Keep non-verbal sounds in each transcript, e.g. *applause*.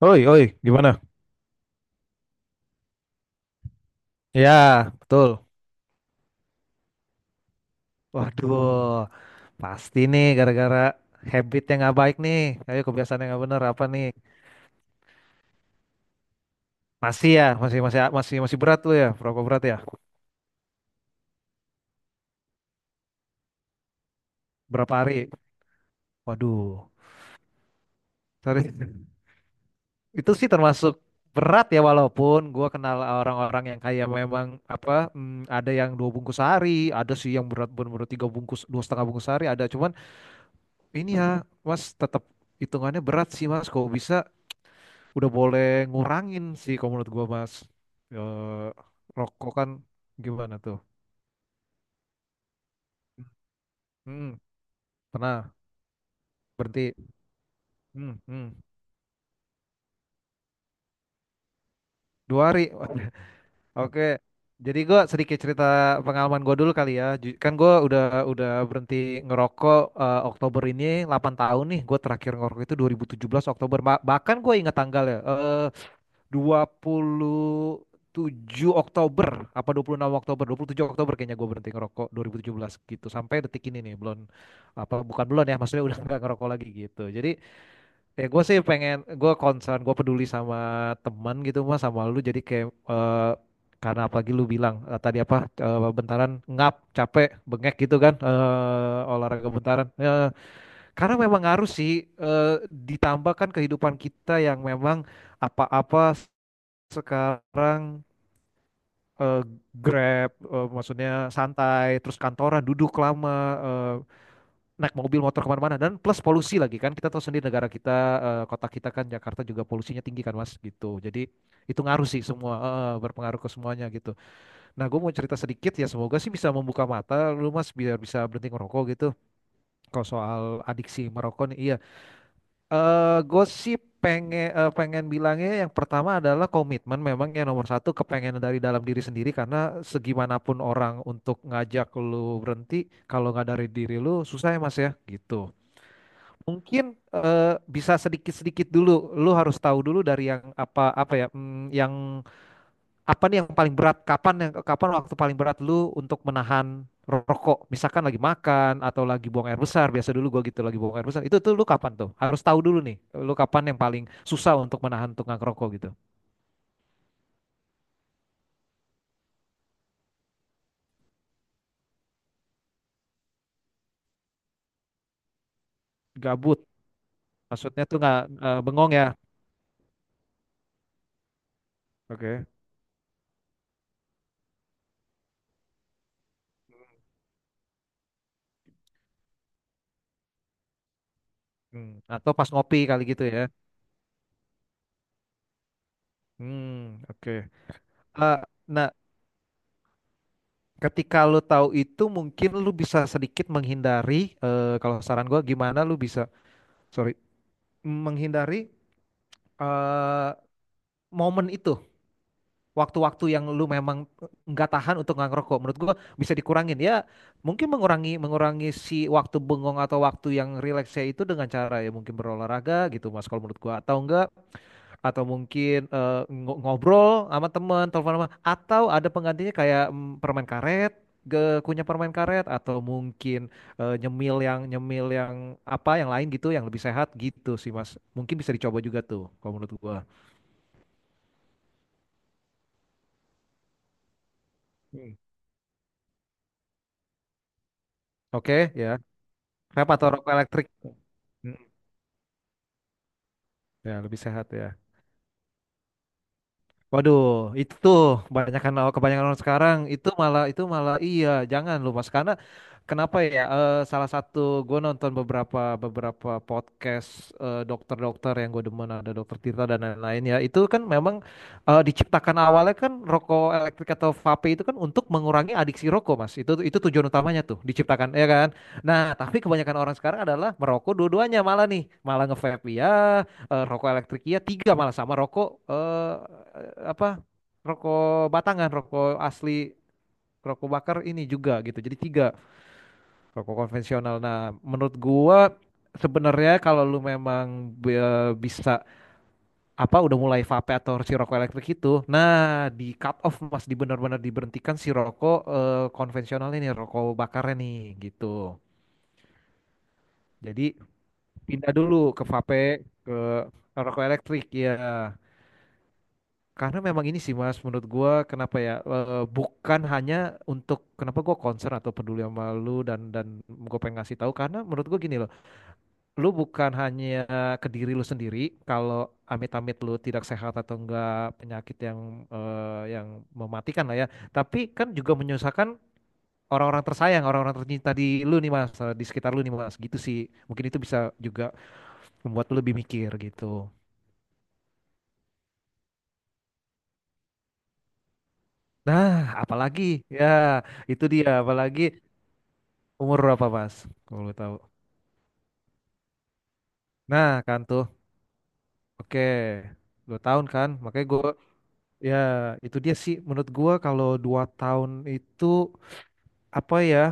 Oi, oi, gimana? Ya, betul. Waduh, pasti nih gara-gara habit yang nggak baik nih. Ayo kebiasaan yang nggak bener apa nih? Masih ya, masih masih masih masih berat tuh ya. Berapa berat ya? Berapa hari? Waduh, sorry. *laughs* Itu sih termasuk berat ya walaupun gua kenal orang-orang yang kayak memang apa ada yang 2 bungkus sehari, ada sih yang berat bener-bener 3 bungkus, 2,5 bungkus sehari ada. Cuman ini ya, Mas tetap hitungannya berat sih Mas. Kok bisa? Udah boleh ngurangin sih kalau menurut gua mas. Eh, Rokok kan gimana tuh? hmm, Pernah berhenti. Hmm, hmm. 2 hari. *laughs* Oke, jadi gue sedikit cerita pengalaman gue dulu kali ya, kan gue udah berhenti ngerokok Oktober ini 8 tahun nih. Gue terakhir ngerokok itu 2017 Oktober. Bahkan gue ingat tanggalnya. 27 Oktober apa 26 Oktober, 27 Oktober kayaknya gue berhenti ngerokok 2017 gitu, sampai detik ini nih belum, apa bukan belum ya, maksudnya udah nggak ngerokok lagi gitu. Jadi ya, gue sih pengen, gue concern, gue peduli sama teman gitu mas, sama lu, jadi kayak karena apalagi lu bilang tadi apa bentaran ngap capek bengek gitu kan, olahraga bentaran. Karena memang harus sih ditambahkan kehidupan kita yang memang apa-apa sekarang eh, Grab, maksudnya santai, terus kantoran duduk lama, naik mobil motor kemana-mana, dan plus polusi lagi kan, kita tahu sendiri negara kita, kota kita kan Jakarta juga polusinya tinggi kan Mas, gitu. Jadi itu ngaruh sih semua, berpengaruh ke semuanya gitu. Nah, gue mau cerita sedikit ya, semoga sih bisa membuka mata lu Mas biar bisa berhenti ngerokok gitu kalau soal adiksi merokok nih, iya. Gue pengen, pengen bilangnya yang pertama adalah komitmen, memang yang nomor satu kepengen dari dalam diri sendiri, karena segimanapun orang untuk ngajak lu berhenti kalau nggak dari diri lu susah ya mas ya, gitu. Mungkin bisa sedikit-sedikit dulu, lu harus tahu dulu dari yang apa apa ya, mm, yang apa nih yang paling berat? Kapan waktu paling berat lu untuk menahan rokok? Misalkan lagi makan atau lagi buang air besar, biasa dulu gua gitu lagi buang air besar. Itu tuh lu kapan tuh? Harus tahu dulu nih, lu kapan yang paling susah untuk menahan tunggang rokok gitu. Gabut, maksudnya tuh nggak, bengong ya. Oke. Atau pas ngopi kali gitu ya. Hmm, oke. Eh, nah, ketika lu tahu itu mungkin lu bisa sedikit menghindari, kalau saran gua gimana lu bisa, sorry, menghindari eh, momen itu, waktu-waktu yang lu memang nggak tahan untuk nggak ngerokok, menurut gua bisa dikurangin ya. Mungkin mengurangi mengurangi si waktu bengong atau waktu yang rileksnya itu dengan cara ya mungkin berolahraga gitu mas kalau menurut gua, atau enggak, atau mungkin ngobrol sama teman, telepon sama, atau ada penggantinya kayak permen karet, ke kunyah permen karet, atau mungkin nyemil yang yang lain gitu, yang lebih sehat gitu sih mas, mungkin bisa dicoba juga tuh kalau menurut gua. Hmm. Oke, ya, vape atau rokok elektrik. Mm, Ya, lebih sehat ya. Waduh, itu tuh kebanyakan kebanyakan orang sekarang itu malah, iya, jangan lu Mas, karena kenapa ya? Salah satu, gue nonton beberapa, podcast dokter-dokter yang gue demen, ada dokter Tirta dan lain-lain ya. Itu kan memang diciptakan awalnya kan rokok elektrik atau vape itu kan untuk mengurangi adiksi rokok Mas. Itu tujuan utamanya tuh diciptakan ya kan. Nah, tapi kebanyakan orang sekarang adalah merokok dua-duanya malah nih, malah nge-vape ya, rokok elektrik, iya tiga malah, sama rokok, eh apa rokok batangan, rokok asli, rokok bakar ini juga, gitu jadi tiga rokok konvensional. Nah menurut gua sebenarnya kalau lu memang bisa, udah mulai vape atau si rokok elektrik itu, nah, di cut off mas, di benar-benar diberhentikan si rokok konvensional ini, rokok bakarnya nih gitu. Jadi pindah dulu ke vape, ke rokok elektrik ya. Karena memang ini sih Mas, menurut gua kenapa ya, bukan hanya untuk, kenapa gua concern atau peduli sama lu, dan gua pengen ngasih tahu, karena menurut gua gini loh, lu bukan hanya ke diri lu sendiri kalau amit-amit lu tidak sehat atau enggak, penyakit yang eh, yang mematikan lah ya, tapi kan juga menyusahkan orang-orang tersayang, orang-orang tercinta di lu nih Mas, di sekitar lu nih Mas, gitu sih. Mungkin itu bisa juga membuat lu lebih mikir gitu. Nah, apalagi ya itu dia, apalagi. Umur berapa mas? Kalau lu tahu. Nah kan tuh, oke, 2 tahun kan. Makanya gue, ya itu dia sih. Menurut gue kalau 2 tahun itu apa ya?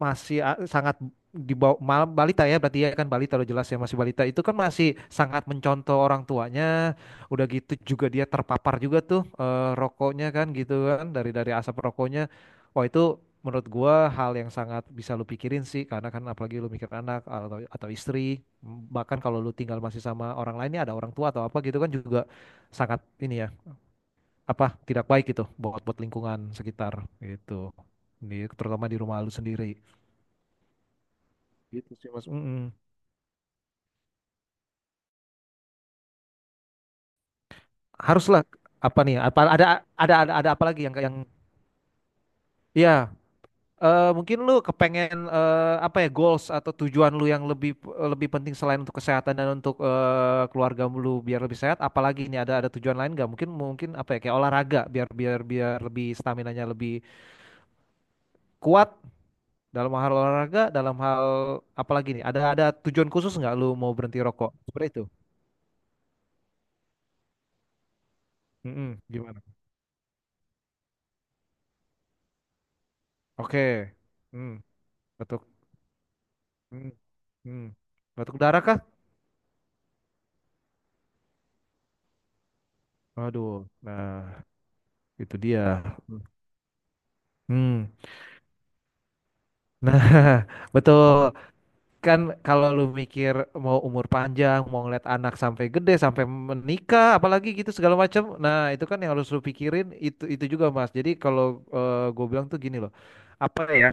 Masih sangat di bawah malam balita ya berarti ya kan, balita udah jelas ya, masih balita itu kan masih sangat mencontoh orang tuanya. Udah gitu juga dia terpapar juga tuh rokoknya kan gitu, kan dari asap rokoknya. Wah itu menurut gua hal yang sangat bisa lu pikirin sih, karena kan apalagi lu mikir anak atau istri, bahkan kalau lu tinggal masih sama orang lainnya, ada orang tua atau apa gitu kan juga sangat ini ya, apa, tidak baik gitu buat buat lingkungan sekitar gitu, ini terutama di rumah lu sendiri. Gitu sih Mas. Mm-mm. Haruslah apa nih? Ya, apa ada, ada apa lagi yang ya, mungkin lu kepengen, eh, apa ya goals atau tujuan lu yang lebih, penting selain untuk kesehatan, dan untuk keluarga lu biar lebih sehat. Apalagi ini ada tujuan lain nggak? Mungkin Mungkin apa ya, kayak olahraga biar biar biar lebih stamina-nya lebih kuat dalam hal olahraga, dalam hal apalagi nih, ada tujuan khusus nggak lu mau berhenti rokok seperti itu? Mm-mm. Gimana? Oke. Hmm. Betul. Hmm. Hmm. Batuk darah kah? Aduh, nah, itu dia. Hmm. Nah, *laughs* betul kan, kalau lu mikir mau umur panjang, mau ngeliat anak sampai gede, sampai menikah, apalagi gitu segala macam. Nah, itu kan yang harus lu pikirin, itu juga Mas. Jadi kalau gue bilang tuh gini loh. Apa ya?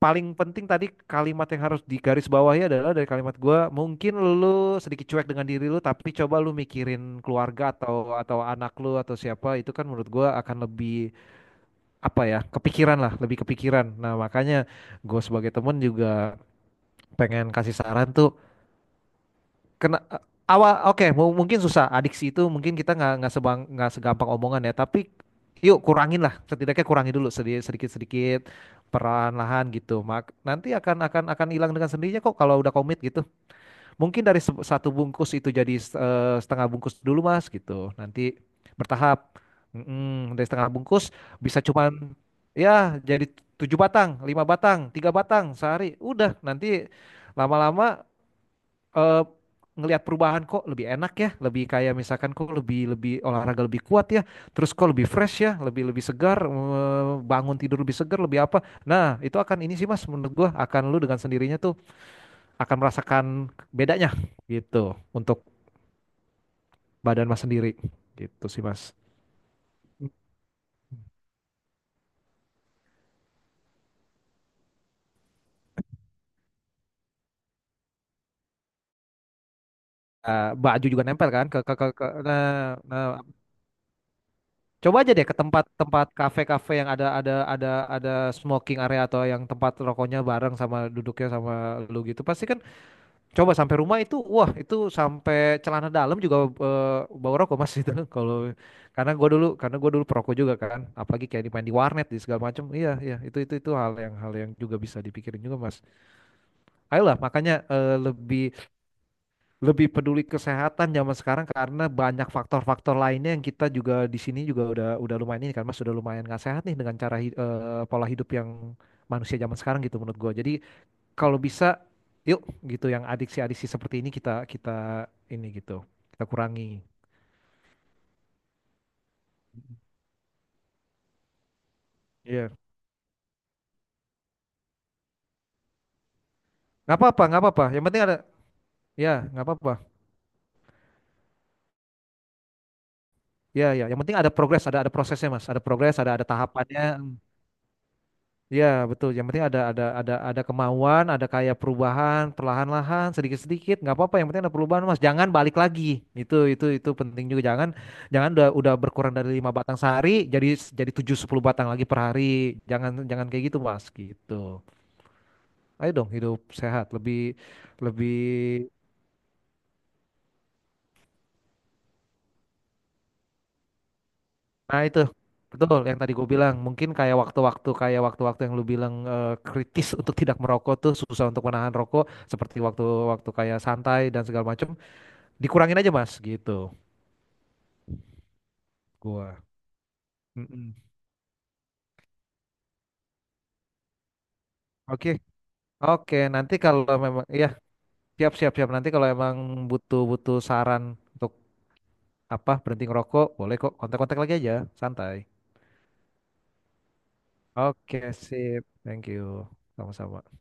Paling penting, tadi kalimat yang harus digarisbawahi adalah, dari kalimat gua, mungkin lu sedikit cuek dengan diri lu tapi coba lu mikirin keluarga atau anak lu atau siapa, itu kan menurut gua akan lebih, apa ya, kepikiran lah, lebih kepikiran. Nah makanya gue sebagai temen juga pengen kasih saran tuh, kena awal oke, mungkin susah adiksi itu, mungkin kita nggak nggak segampang omongan ya, tapi yuk kurangin lah, setidaknya kurangi dulu sedikit sedikit sedikit perlahan-lahan gitu mak, nanti akan hilang dengan sendirinya kok kalau udah komit gitu. Mungkin dari 1 bungkus itu jadi setengah bungkus dulu mas gitu, nanti bertahap. Mm-mm, dari setengah bungkus bisa, cuman ya, jadi 7 batang, 5 batang, 3 batang sehari udah, nanti lama-lama eh ngelihat perubahan, kok lebih enak ya, lebih, kayak misalkan kok lebih, olahraga lebih kuat ya, terus kok lebih fresh ya, lebih, segar, bangun tidur lebih segar, lebih apa. Nah, itu akan ini sih Mas, menurut gua akan lu dengan sendirinya tuh akan merasakan bedanya gitu, untuk badan Mas sendiri. Gitu sih Mas. Baju juga nempel kan ke nah, coba aja deh ke tempat-tempat kafe-kafe yang ada smoking area, atau yang tempat rokoknya bareng sama duduknya sama lu gitu pasti kan. Coba sampai rumah itu, wah itu sampai celana dalam juga bau rokok mas itu. *laughs* Kalau karena gue dulu, perokok juga kan, apalagi kayak dimain di warnet di segala macam, iya iya, itu hal yang juga bisa dipikirin juga mas. Ayolah, makanya lebih, peduli kesehatan zaman sekarang, karena banyak faktor-faktor lainnya yang kita juga di sini juga udah lumayan ini kan mas, sudah lumayan nggak sehat nih dengan cara, pola hidup yang manusia zaman sekarang gitu menurut gue. Jadi kalau bisa, yuk gitu yang adiksi-adiksi seperti ini kita kita ini gitu, kita kurangi. Iya. Nggak apa-apa, nggak apa-apa, yang penting ada. Ya, nggak apa-apa. Ya, yang penting ada progres, ada prosesnya mas, ada progres, ada tahapannya. Ya betul, yang penting ada kemauan, ada kayak perubahan perlahan-lahan sedikit-sedikit, nggak apa-apa, yang penting ada perubahan mas, jangan balik lagi, itu penting juga, jangan, jangan udah berkurang dari 5 batang sehari jadi tujuh, sepuluh batang lagi per hari, jangan, jangan kayak gitu mas gitu. Ayo dong hidup sehat, lebih, lebih, nah itu betul, yang tadi gue bilang mungkin kayak waktu-waktu, yang lu bilang kritis *laughs* untuk tidak merokok tuh, susah untuk menahan rokok seperti waktu-waktu kayak santai dan segala macam, dikurangin aja mas gitu gua. Mm-mm. Oke. Oke, nanti kalau memang ya, siap siap siap, nanti kalau emang butuh butuh saran untuk berhenti ngerokok boleh kok, kontak-kontak lagi aja, santai. Oke, sip, thank you, sama-sama.